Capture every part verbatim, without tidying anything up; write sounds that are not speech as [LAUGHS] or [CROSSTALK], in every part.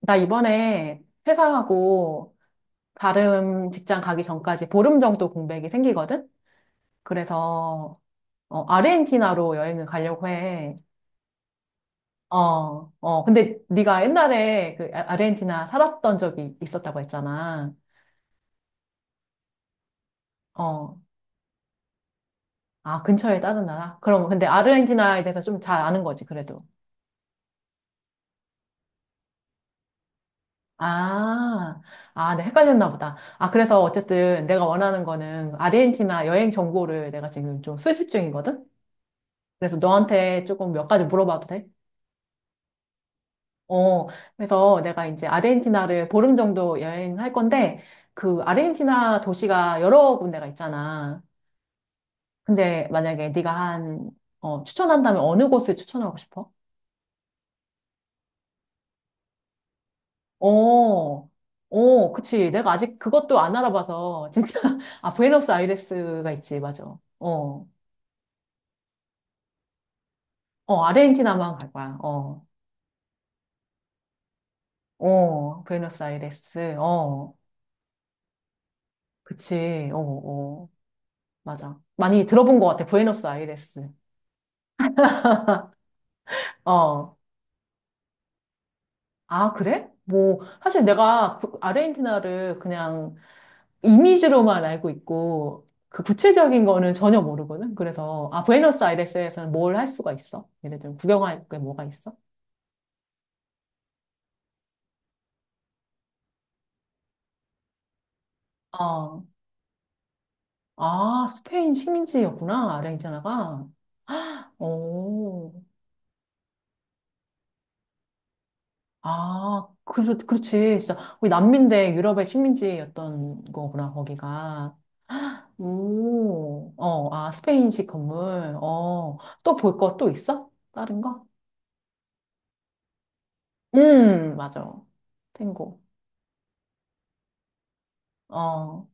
나 이번에 퇴사하고 다른 직장 가기 전까지 보름 정도 공백이 생기거든? 그래서 어, 아르헨티나로 여행을 가려고 해. 어, 어. 근데 네가 옛날에 그 아- 아르헨티나 살았던 적이 있었다고 했잖아. 어. 아, 근처에 다른 나라? 그럼 근데 아르헨티나에 대해서 좀 잘 아는 거지, 그래도. 아, 아, 네, 헷갈렸나 보다. 아, 그래서 어쨌든 내가 원하는 거는 아르헨티나 여행 정보를 내가 지금 좀 수집 중이거든? 그래서 너한테 조금 몇 가지 물어봐도 돼? 어, 그래서 내가 이제 아르헨티나를 보름 정도 여행할 건데, 그 아르헨티나 도시가 여러 군데가 있잖아. 근데 만약에 네가 한, 어, 추천한다면 어느 곳을 추천하고 싶어? 어, 어, 그치. 내가 아직 그것도 안 알아봐서, 진짜. [LAUGHS] 아, 부에노스아이레스가 있지, 맞아. 어, 어, 아르헨티나만 갈 거야. 어, 어, 부에노스아이레스, 어, 그치. 어, 어. 맞아. 많이 들어본 것 같아. 부에노스아이레스. 어. 아, 그래? 뭐, 사실 내가 부- 아르헨티나를 그냥 이미지로만 알고 있고, 그 구체적인 거는 전혀 모르거든. 그래서, 아, 부에노스아이레스에서는 뭘 할 수가 있어? 예를 들면, 구경할 게 뭐가 있어? 어. 아, 스페인 식민지였구나. 아르헨티나가. 오. 아, 그렇, 그렇지. 진짜, 거기 남미인데 유럽의 식민지였던 거구나, 거기가. 오, 어, 아, 스페인식 건물. 어, 또 볼 거 또 있어? 다른 거? 음, 맞아. 탱고. 어,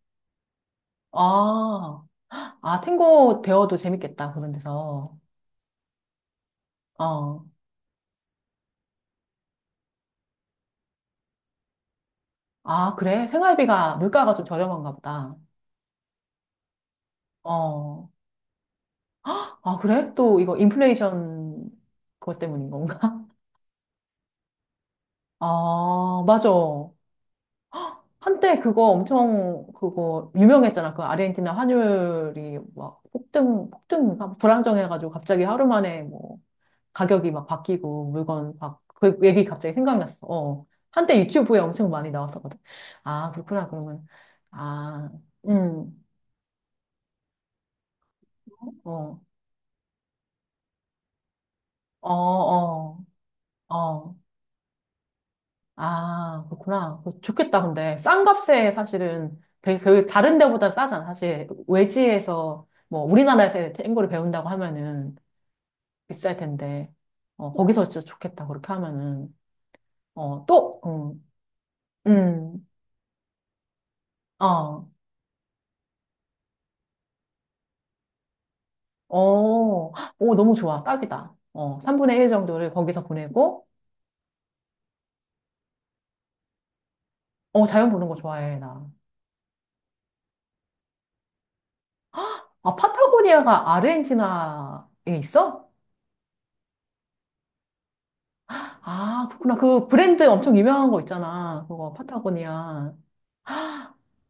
아, 아, 탱고 배워도 재밌겠다, 그런 데서. 어, 아, 그래? 생활비가, 물가가 좀 저렴한가 보다. 어, 아, 그래? 또 이거 인플레이션 그것 때문인 건가? [LAUGHS] 아, 맞아. 한때 그거 엄청 그거 유명했잖아. 그 아르헨티나 환율이 막 폭등, 폭등인가? 불안정해가지고 갑자기 하루 만에 뭐 가격이 막 바뀌고 물건 막 그 얘기 갑자기 생각났어. 어. 한때 유튜브에 엄청 많이 나왔었거든. 아, 그렇구나. 그러면. 아, 음. 어, 어, 어, 어. 아, 그렇구나. 그거 좋겠다, 근데. 싼 값에 사실은 되게 그 다른 데보다 싸잖아. 사실 외지에서 뭐 우리나라에서 탱고를 배운다고 하면은 비쌀 텐데. 어, 거기서 진짜 좋겠다. 그렇게 하면은. 어, 또, 음, 음, 어, 어, 헉, 오, 너무 좋아. 딱이다. 어, 삼분의 일 정도를 거기서 보내고, 어, 자연 보는 거 좋아해, 나. 아, 파타고니아가 아르헨티나에 있어? 아, 그렇구나. 그 브랜드 엄청 유명한 거 있잖아. 그거 파타고니아.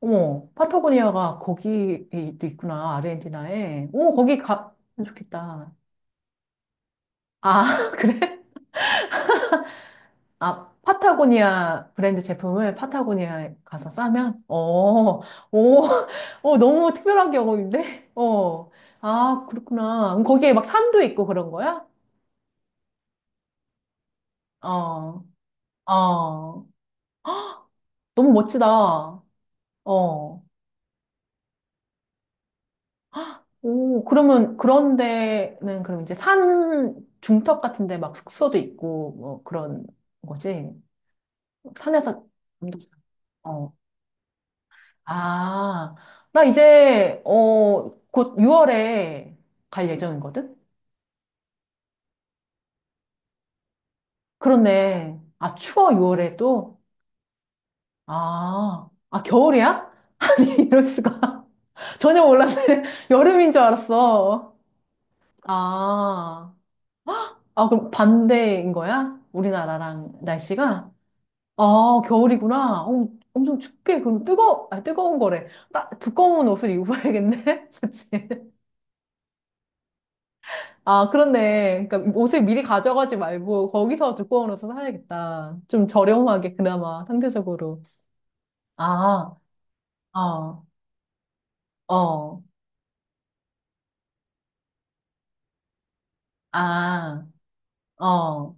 어머, 파타고니아가 거기도 있구나, 아르헨티나에. 오, 거기 가면 좋겠다. 아, [LAUGHS] 그래? 아, 파타고니아 브랜드 제품을 파타고니아에 가서 싸면? 어, 오, [LAUGHS] 어, 너무 특별한 경험인데? 어, 아, 그렇구나. 그럼 거기에 막 산도 있고 그런 거야? 어, 어, 너무 멋지다. 어. 오, 그러면 그런 데는 그럼 이제 산 중턱 같은 데 막 숙소도 있고 뭐 그런 거지? 산에서 잠도 자- 어. 아, 나 이제 어, 곧 유월에 갈 예정이거든? 그렇네. 아, 추워 유월에 또? 아, 아 겨울이야? [LAUGHS] 아니, 이럴 수가. 전혀 몰랐네. [LAUGHS] 여름인 줄 알았어. 아, 아, 그럼 반대인 거야? 우리나라랑 날씨가? 아, 겨울이구나. 어, 엄청 춥게. 그럼 뜨거, 아, 뜨거운 거래. 따, 두꺼운 옷을 입어야겠네? [LAUGHS] 그치? 아, 그렇네. 그러니까 옷을 미리 가져가지 말고 거기서 두꺼운 옷을 사야겠다. 좀 저렴하게, 그나마, 상대적으로. 아, 어, 어, 아, 어.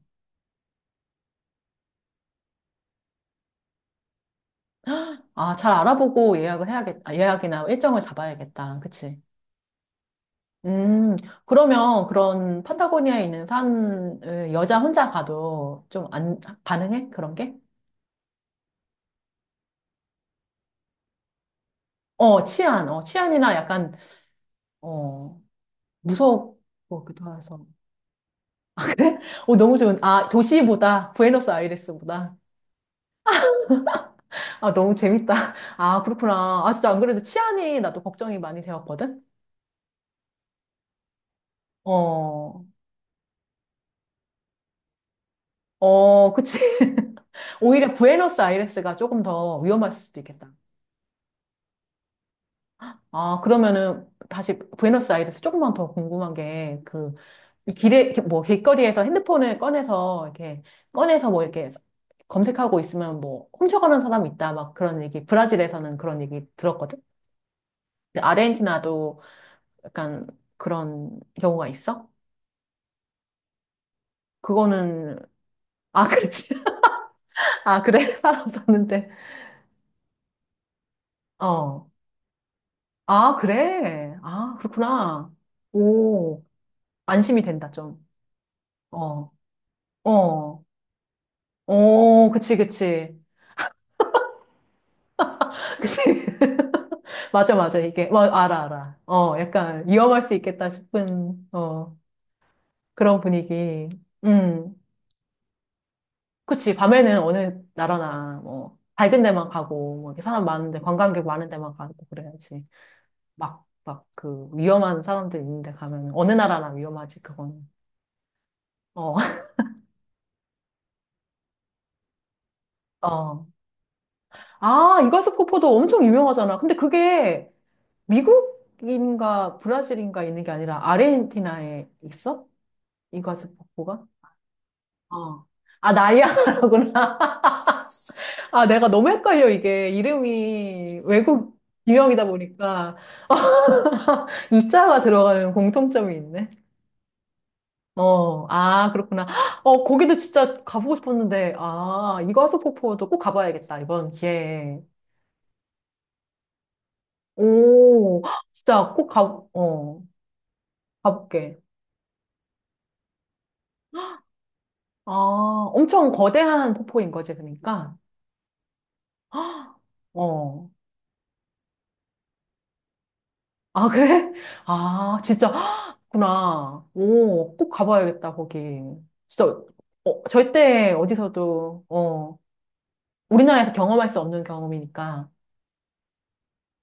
아, 잘 알아보고 예약을 해야겠, 아, 예약이나 일정을 잡아야겠다. 그치? 음, 그러면 그런 판타고니아에 있는 산을 여자 혼자 가도 좀 안, 가능해? 그런 게? 어, 치안, 어, 치안이나 약간, 어, 무서울 것 같기도 해서. [LAUGHS] 그래? 어, 너무 좋은, 아, 도시보다, 부에노스아이레스보다. 아, 너무 재밌다. 아, 그렇구나. 아, 진짜 안 그래도 치안이 나도 걱정이 많이 되었거든? 어, 어, 그치. [LAUGHS] 오히려 부에노스아이레스가 조금 더 위험할 수도 있겠다. 아, 그러면은 다시 부에노스아이레스 조금만 더 궁금한 게, 그, 이 길에, 이렇게 뭐, 길거리에서 핸드폰을 꺼내서, 이렇게, 꺼내서 뭐, 이렇게 검색하고 있으면 뭐, 훔쳐가는 사람이 있다, 막 그런 얘기, 브라질에서는 그런 얘기 들었거든? 근데 아르헨티나도 약간 그런 경우가 있어? 그거는, 아, 그렇지. [LAUGHS] 아, 그래? [LAUGHS] 사람 썼는데. 어. 아, 그래? 아, 그렇구나. 오, 안심이 된다, 좀. 어, 어. 어, 그치, 그치. [LAUGHS] 그치. [LAUGHS] 맞아, 맞아. 이게, 와, 알아, 알아. 어, 약간 위험할 수 있겠다 싶은, 어, 그런 분위기. 음. 그치. 밤에는 어느 나라나, 뭐, 밝은 데만 가고, 뭐, 이렇게 사람 많은데, 관광객 많은 데만 가고 그래야지. 막, 막, 그, 위험한 사람들 있는데 가면, 어느 나라나 위험하지, 그건. 어, [LAUGHS] 어. 아, 이과수 코포도 엄청 유명하잖아. 근데 그게, 미국인가 브라질인가 있는 게 아니라 아르헨티나에 있어? 이과수 폭포가? 어. 아, 나이아가라구나. [LAUGHS] 아, 내가 너무 헷갈려, 이게. 이름이 외국 유형이다 보니까. [LAUGHS] 이자가 들어가는 공통점이 있네. 어, 아, 그렇구나. [GASPS] 어, 거기도 진짜 가보고 싶었는데, 아, 이과수 폭포도 꼭 가봐야겠다, 이번 기회에. 오, [GASPS] 진짜 꼭 가, 어, 가볼게. 아, 엄청 거대한 폭포인 거지, 그러니까. [GASPS] 어. 아, 그래? 아, 진짜. [GASPS] 구나. 오, 꼭 가봐야겠다, 거기. 진짜, 어, 절대 어디서도, 어, 우리나라에서 경험할 수 없는 경험이니까.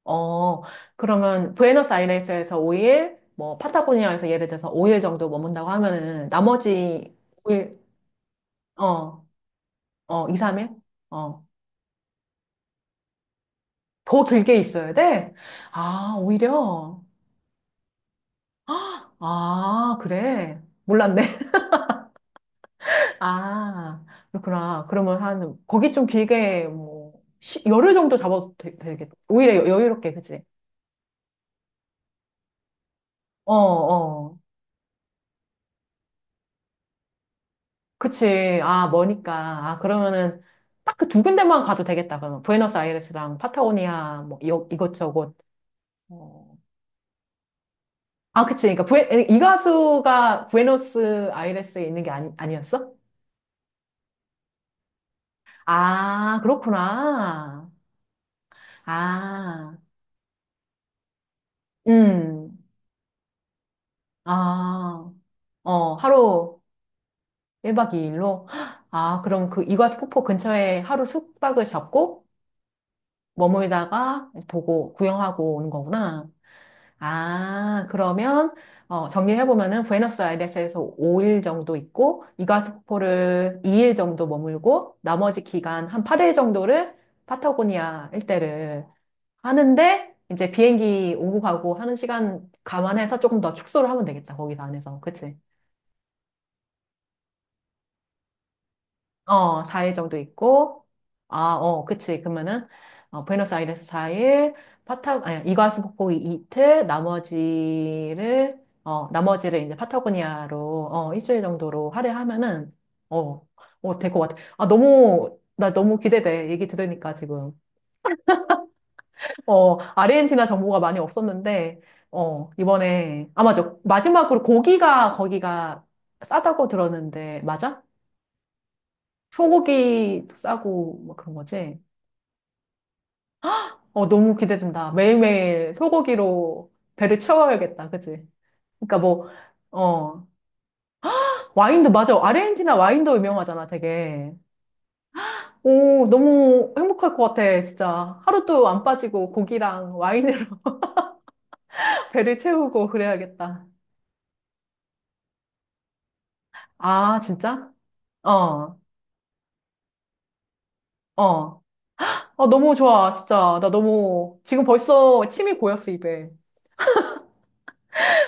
어, 그러면 부에노스아이레스에서 오 일, 뭐, 파타고니아에서 예를 들어서 오 일 정도 머문다고 하면은, 나머지 오 일, 어, 어, 이, 삼 일? 어, 더 길게 있어야 돼? 아, 오히려? 아, 그래. 몰랐네. 아, 그렇구나. 그러면 한, 거기 좀 길게, 뭐, 시, 열흘 정도 잡아도 되, 겠다 오히려 여- 여유롭게, 그치? 어, 어. 그치. 아, 머니까. 아, 그러면은, 딱 그 두 군데만 가도 되겠다. 그러면, 부에노스아이레스랑 파타고니아, 뭐, 이, 이것저것. 어. 아, 그치. 그러니까, 부에, 이 가수가 부에노스아이레스에 있는 게 아니, 아니었어? 아, 그렇구나. 아, 음. 아, 어, 하루. 일 박 이 일로? 아, 그럼 그 이과수폭포 근처에 하루 숙박을 잡고 머물다가 보고 구경하고 오는 거구나. 아, 그러면 어, 정리해보면은 부에노스아이레스에서 오 일 정도 있고 이과수폭포를 이 일 정도 머물고 나머지 기간 한 팔 일 정도를 파타고니아 일대를 하는데 이제 비행기 오고 가고 하는 시간 감안해서 조금 더 축소를 하면 되겠다. 거기서 안에서. 그치? 어, 사 일 정도 있고, 아, 어, 그치. 그러면은, 어, 부에노스아이레스 사 일, 파타, 아니, 이과수폭포 이틀, 나머지를, 어, 나머지를 이제 파타고니아로, 어, 일주일 정도로 할애하면은, 어, 어, 될 것 같아. 아, 너무, 나 너무 기대돼. 얘기 들으니까 지금. 어, 아르헨티나 정보가 많이 없었는데, 어, 이번에, 아, 맞아. 마지막으로 고기가, 거기가 싸다고 들었는데, 맞아? 소고기 싸고, 뭐 그런 거지? 어, 너무 기대된다. 매일매일 소고기로 배를 채워야겠다. 그치? 그러니까 뭐, 어, 와인도, 맞아. 아르헨티나 와인도 유명하잖아, 되게. 오, 너무 행복할 것 같아, 진짜. 하루도 안 빠지고 고기랑 와인으로 [LAUGHS] 배를 채우고 그래야겠다. 아, 진짜? 어, 어. 아, 너무 좋아, 진짜. 나 너무, 지금 벌써 침이 고였어, 입에.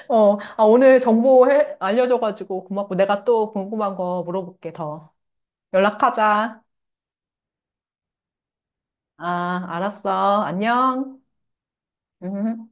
어, 아, 오늘 정보 해, 알려줘가지고 고맙고 내가 또 궁금한 거 물어볼게, 더. 연락하자. 아, 알았어. 안녕. 음.